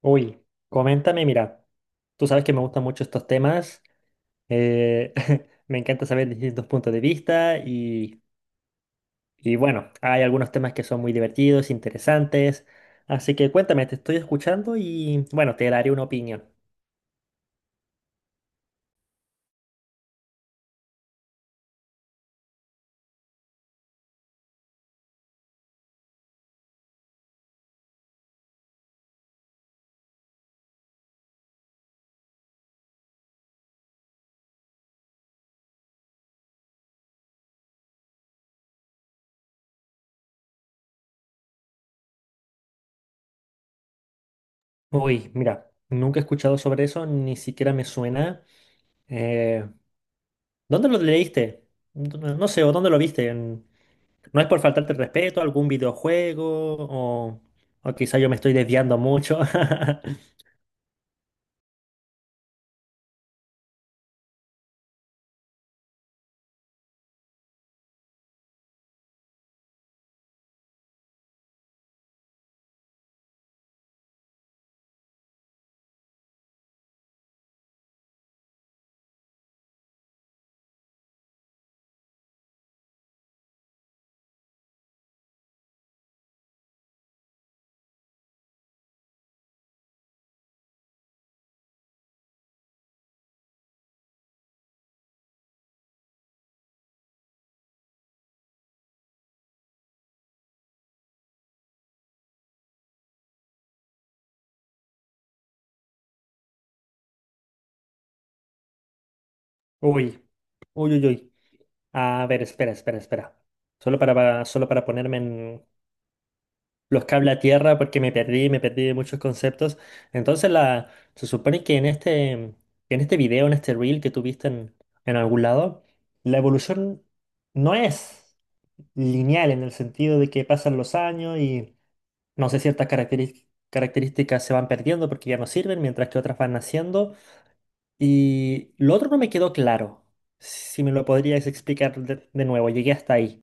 Uy, coméntame, mira, tú sabes que me gustan mucho estos temas, eh, me encanta saber distintos puntos de vista y bueno, hay algunos temas que son muy divertidos, interesantes, así que cuéntame, te estoy escuchando y bueno, te daré una opinión. Uy, mira, nunca he escuchado sobre eso, ni siquiera me suena. Eh, ¿Dónde lo leíste? No sé, o dónde lo viste. No es por faltarte el respeto, ¿algún videojuego, o, o quizá yo me estoy desviando mucho? Uy, uy, uy, uy. A ver, espera, espera, espera. Solo solo para ponerme los cable a tierra porque me perdí de muchos conceptos. Entonces la, Se supone que en este video, en este reel que tuviste en algún lado, la evolución no es lineal en el sentido de que pasan los años y no sé, ciertas características se van perdiendo porque ya no sirven, mientras que otras van naciendo. Y lo otro no me quedó claro. Si me lo podrías explicar de nuevo, llegué hasta ahí.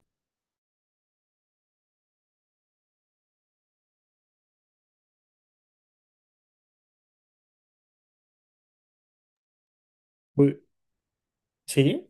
Uy, ¿sí?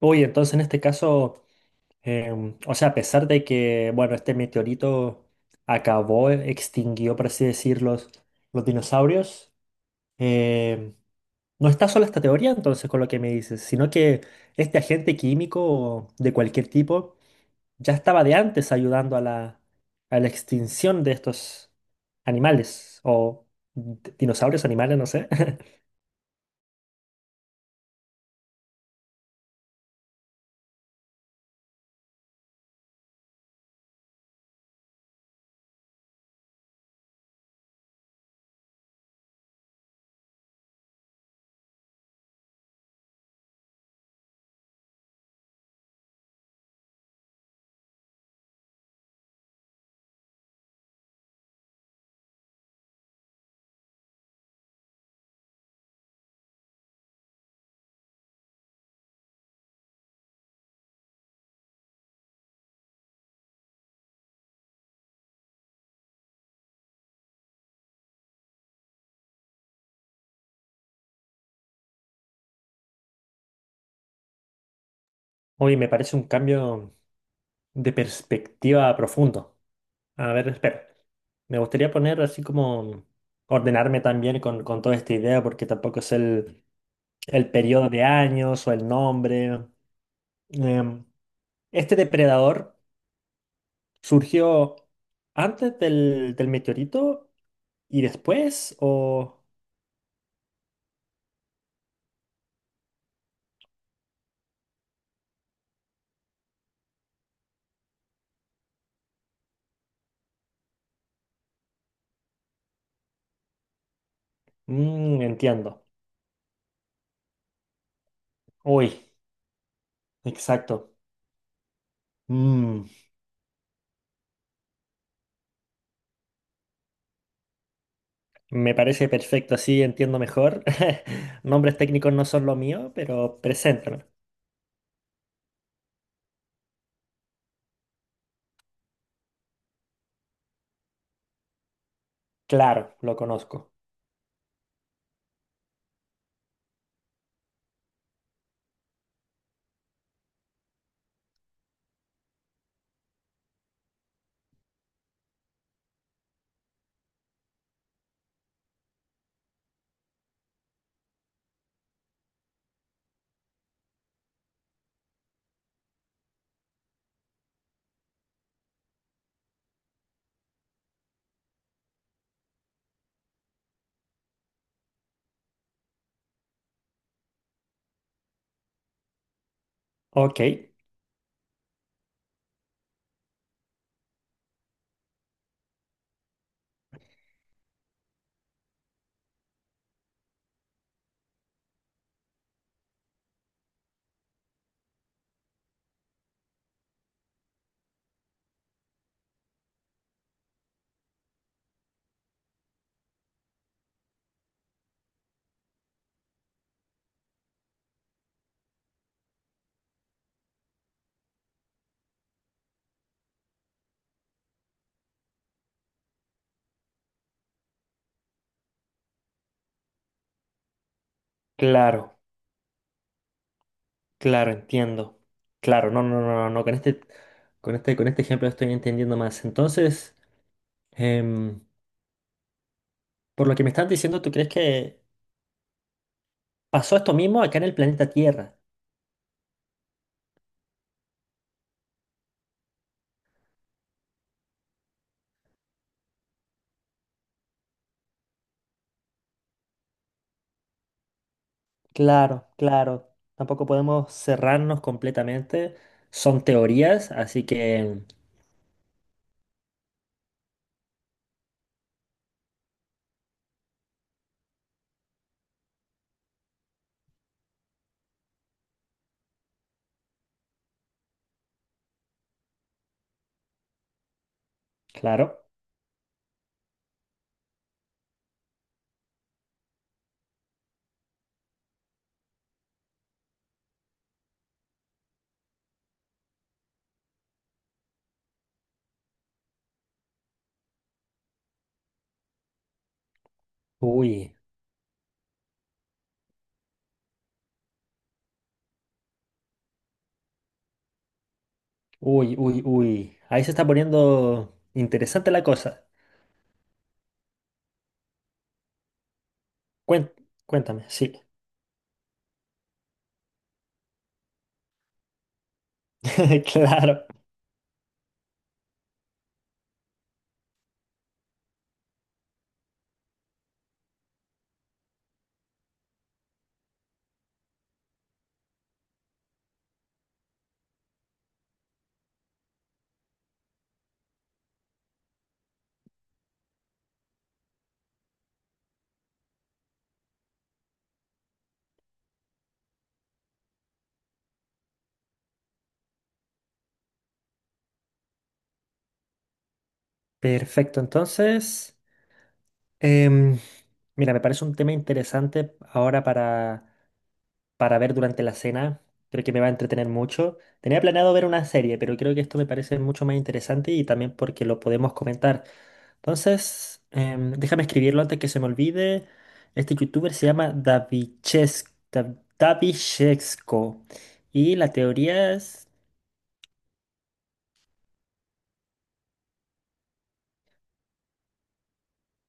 Uy, entonces en este caso... Em, o sea, a pesar de que, bueno, este meteorito acabó, extinguió, por así decirlo, los dinosaurios, em, no está sola esta teoría entonces con lo que me dices, sino que este agente químico de cualquier tipo ya estaba de antes ayudando a a la extinción de estos animales o dinosaurios, animales, no sé. Oye, me parece un cambio de perspectiva profundo. A ver, espera. Me gustaría poner así como ordenarme también con toda esta idea porque tampoco es el periodo de años o el nombre. Em, este depredador surgió antes del meteorito y después o... Mm, entiendo. Uy, exacto. Mm, me parece perfecto, así entiendo mejor. Nombres técnicos no son lo mío, pero preséntame. Claro, lo conozco. Ok, claro. Claro, entiendo. Claro, no, no, no, no, no, con con este ejemplo estoy entendiendo más. Entonces, em, por lo que me estás diciendo, ¿tú crees que pasó esto mismo acá en el planeta Tierra? Claro, claro. Tampoco podemos cerrarnos completamente. Son teorías, así que, claro. Uy, uy, uy, uy. Ahí se está poniendo interesante la cosa. Cuen- Cuéntame, sí. Claro. Perfecto, entonces. Em, mira, me parece un tema interesante ahora para ver durante la cena. Creo que me va a entretener mucho. Tenía planeado ver una serie, pero creo que esto me parece mucho más interesante y también porque lo podemos comentar. Entonces, em, déjame escribirlo antes que se me olvide. Este youtuber se llama Davichesco. Y la teoría es...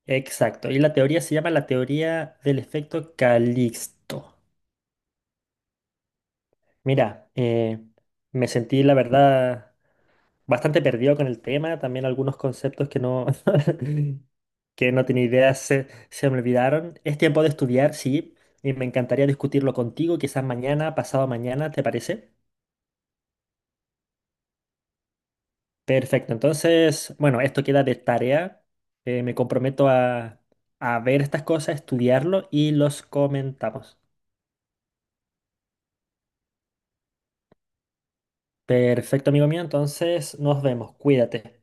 Exacto. Y la teoría se llama la teoría del efecto Calixto. Mira, me sentí, la verdad, bastante perdido con el tema. También algunos conceptos que no, que no tenía idea se me olvidaron. Es tiempo de estudiar, sí, y me encantaría discutirlo contigo, quizás mañana, pasado mañana, ¿te parece? Perfecto, entonces, bueno, esto queda de tarea. Me comprometo a ver estas cosas, estudiarlo y los comentamos. Perfecto, amigo mío, entonces nos vemos, cuídate.